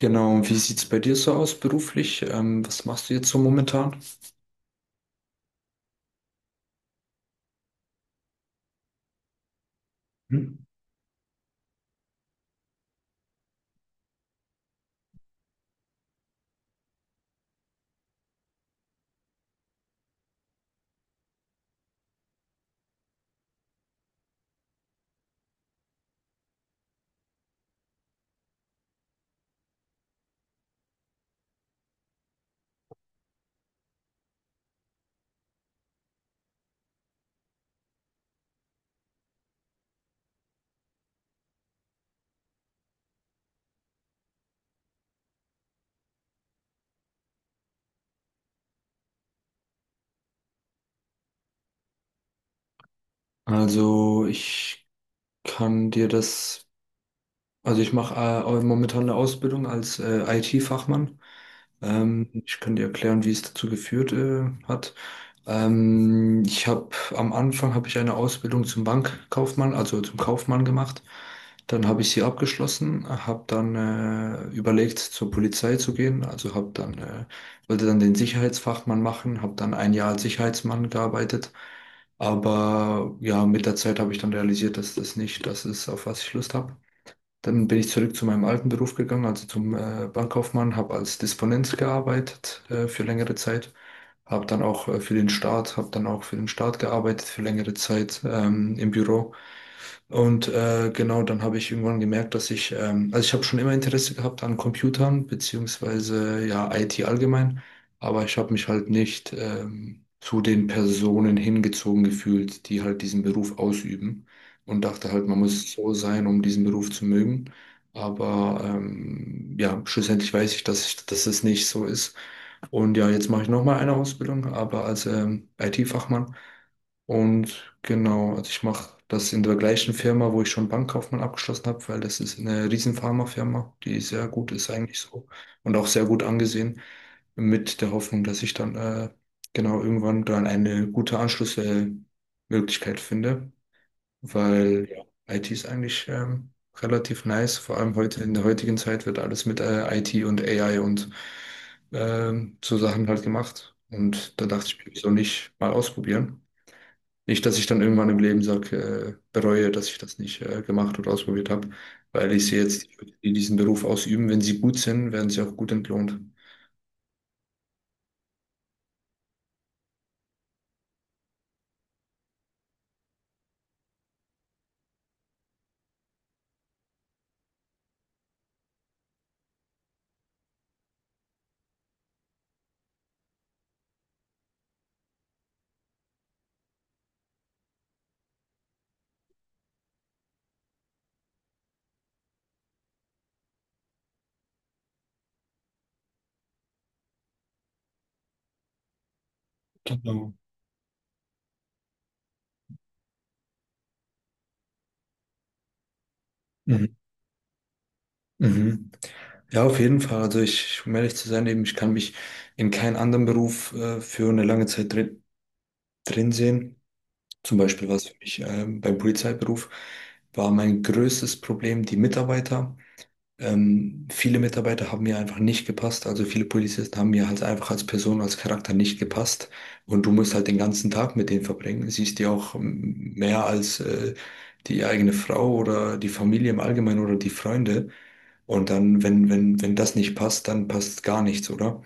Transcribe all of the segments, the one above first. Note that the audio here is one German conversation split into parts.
Genau, und wie sieht's bei dir so aus beruflich? Was machst du jetzt so momentan? Hm? Also ich kann dir das, also ich mache momentan eine Ausbildung als IT-Fachmann. Ich kann dir erklären, wie es dazu geführt hat. Ich habe Am Anfang habe ich eine Ausbildung zum Bankkaufmann, also zum Kaufmann gemacht. Dann habe ich sie abgeschlossen, habe dann überlegt, zur Polizei zu gehen. Also habe dann Wollte dann den Sicherheitsfachmann machen, habe dann ein Jahr als Sicherheitsmann gearbeitet. Aber ja, mit der Zeit habe ich dann realisiert, dass das nicht das ist, auf was ich Lust habe. Dann bin ich zurück zu meinem alten Beruf gegangen, also zum Bankkaufmann, habe als Disponent gearbeitet für längere Zeit, habe dann auch für den Staat gearbeitet für längere Zeit im Büro. Und genau, dann habe ich irgendwann gemerkt, also ich habe schon immer Interesse gehabt an Computern, beziehungsweise ja, IT allgemein, aber ich habe mich halt nicht zu den Personen hingezogen gefühlt, die halt diesen Beruf ausüben, und dachte halt, man muss so sein, um diesen Beruf zu mögen. Aber ja, schlussendlich weiß ich, dass es nicht so ist. Und ja, jetzt mache ich nochmal eine Ausbildung, aber als IT-Fachmann. Und genau, also ich mache das in der gleichen Firma, wo ich schon Bankkaufmann abgeschlossen habe, weil das ist eine riesen Pharmafirma, die sehr gut ist eigentlich so, und auch sehr gut angesehen, mit der Hoffnung, dass ich dann genau irgendwann dann eine gute Anschlussmöglichkeit finde, weil ja, IT ist eigentlich relativ nice. Vor allem heute in der heutigen Zeit wird alles mit IT und AI und so Sachen halt gemacht. Und da dachte ich mir, wieso nicht mal ausprobieren? Nicht, dass ich dann irgendwann im Leben sage, bereue, dass ich das nicht gemacht oder ausprobiert habe, weil ich sehe jetzt, die Leute, die diesen Beruf ausüben, wenn sie gut sind, werden sie auch gut entlohnt. Genau. Mhm. Mhm. Ja, auf jeden Fall. Um ehrlich zu sein, eben, ich kann mich in keinen anderen Beruf für eine lange Zeit drin sehen. Zum Beispiel, was für mich beim Polizeiberuf war mein größtes Problem, die Mitarbeiter. Viele Mitarbeiter haben mir einfach nicht gepasst. Also viele Polizisten haben mir halt einfach als Person, als Charakter nicht gepasst. Und du musst halt den ganzen Tag mit denen verbringen. Siehst die auch mehr als die eigene Frau oder die Familie im Allgemeinen oder die Freunde. Und dann, wenn das nicht passt, dann passt gar nichts, oder?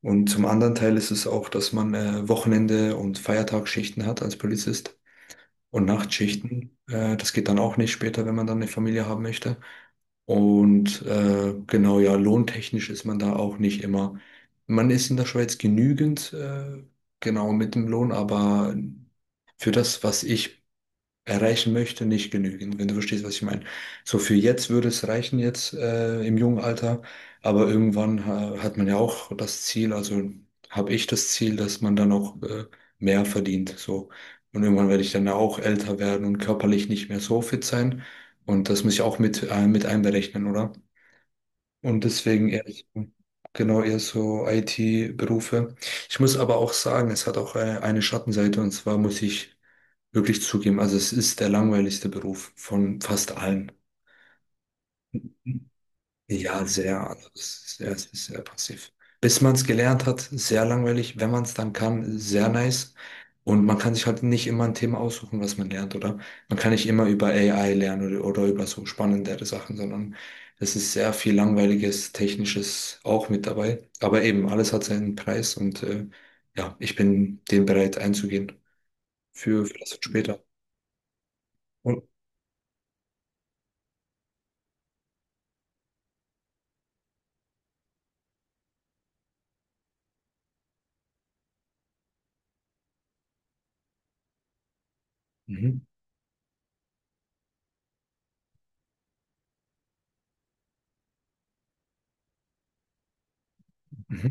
Und zum anderen Teil ist es auch, dass man Wochenende- und Feiertagsschichten hat als Polizist und Nachtschichten. Das geht dann auch nicht später, wenn man dann eine Familie haben möchte. Und genau, ja, lohntechnisch ist man da auch nicht immer. Man ist in der Schweiz genügend, genau mit dem Lohn, aber für das, was ich erreichen möchte, nicht genügen, wenn du verstehst, was ich meine. So für jetzt würde es reichen, jetzt im jungen Alter, aber irgendwann hat man ja auch das Ziel, also habe ich das Ziel, dass man dann auch mehr verdient, so. Und irgendwann werde ich dann ja auch älter werden und körperlich nicht mehr so fit sein. Und das muss ich auch mit einberechnen, oder? Und deswegen eher so, genau eher so IT-Berufe. Ich muss aber auch sagen, es hat auch eine Schattenseite, und zwar muss ich wirklich zugeben, also es ist der langweiligste Beruf von fast allen. Ja, sehr. Also es ist sehr passiv. Bis man es gelernt hat, sehr langweilig. Wenn man es dann kann, sehr nice. Und man kann sich halt nicht immer ein Thema aussuchen, was man lernt, oder? Man kann nicht immer über AI lernen, oder über so spannendere Sachen, sondern es ist sehr viel langweiliges, technisches auch mit dabei. Aber eben, alles hat seinen Preis und ja, ich bin dem bereit einzugehen für das später. Und, mhm, mhm.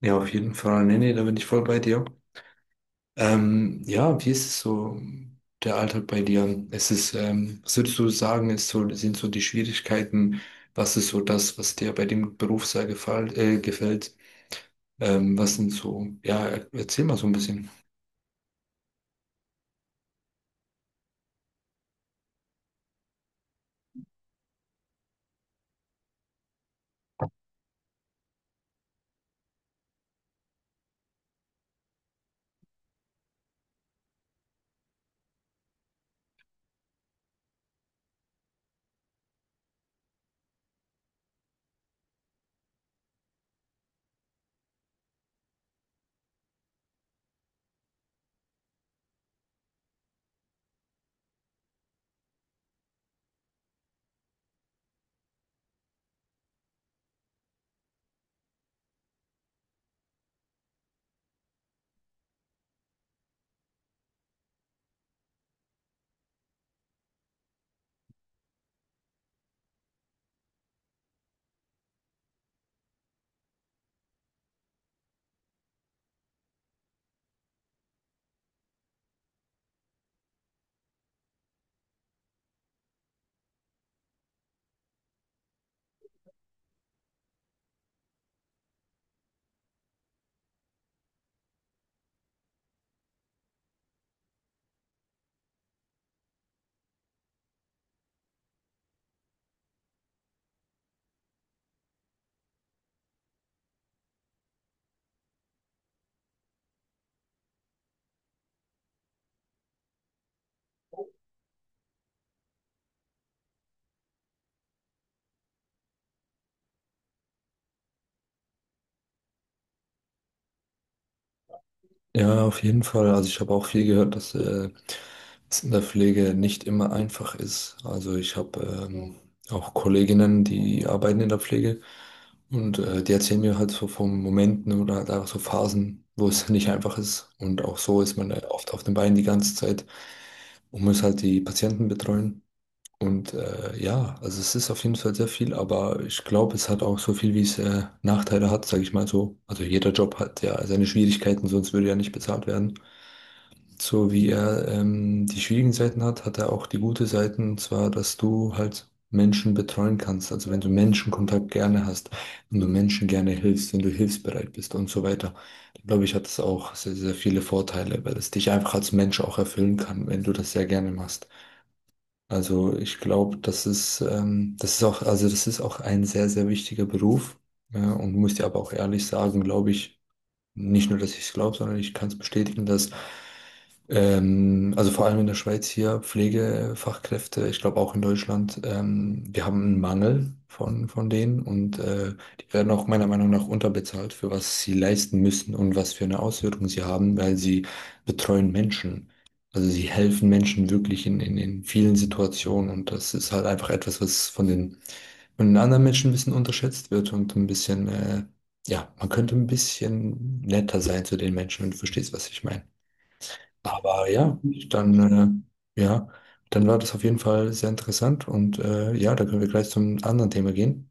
Ja, auf jeden Fall. Nee, nee, da bin ich voll bei dir. Ja, wie ist es so, der Alltag bei dir? Ist es, was würdest du sagen, ist so, sind so die Schwierigkeiten? Was ist so das, was dir bei dem Beruf sehr gefällt? Was sind so, ja, erzähl mal so ein bisschen. Ja, auf jeden Fall. Also ich habe auch viel gehört, dass was in der Pflege nicht immer einfach ist. Also ich habe Ja. Auch Kolleginnen, die arbeiten in der Pflege und die erzählen mir halt so von Momenten oder halt auch so Phasen, wo es nicht einfach ist. Und auch so ist man oft auf den Beinen die ganze Zeit und muss halt die Patienten betreuen. Und ja, also es ist auf jeden Fall sehr viel, aber ich glaube, es hat auch so viel, wie es Nachteile hat, sage ich mal so. Also jeder Job hat ja seine Schwierigkeiten, sonst würde er nicht bezahlt werden. So wie er die schwierigen Seiten hat, hat er auch die gute Seiten, und zwar, dass du halt Menschen betreuen kannst. Also wenn du Menschenkontakt gerne hast, wenn du Menschen gerne hilfst, wenn du hilfsbereit bist und so weiter, dann glaube ich, hat es auch sehr, sehr viele Vorteile, weil es dich einfach als Mensch auch erfüllen kann, wenn du das sehr gerne machst. Also ich glaube, das ist auch, also das ist auch ein sehr, sehr wichtiger Beruf. Ja, und muss dir aber auch ehrlich sagen, glaube ich, nicht nur, dass ich es glaube, sondern ich kann es bestätigen, dass also vor allem in der Schweiz hier, Pflegefachkräfte, ich glaube auch in Deutschland, wir haben einen Mangel von denen und die werden auch meiner Meinung nach unterbezahlt für was sie leisten müssen und was für eine Auswirkung sie haben, weil sie betreuen Menschen. Also sie helfen Menschen wirklich in vielen Situationen und das ist halt einfach etwas, was von den anderen Menschen ein bisschen unterschätzt wird und ein bisschen, ja, man könnte ein bisschen netter sein zu den Menschen, wenn du verstehst, was ich meine. Aber dann, ja, dann war das auf jeden Fall sehr interessant und ja, da können wir gleich zum anderen Thema gehen.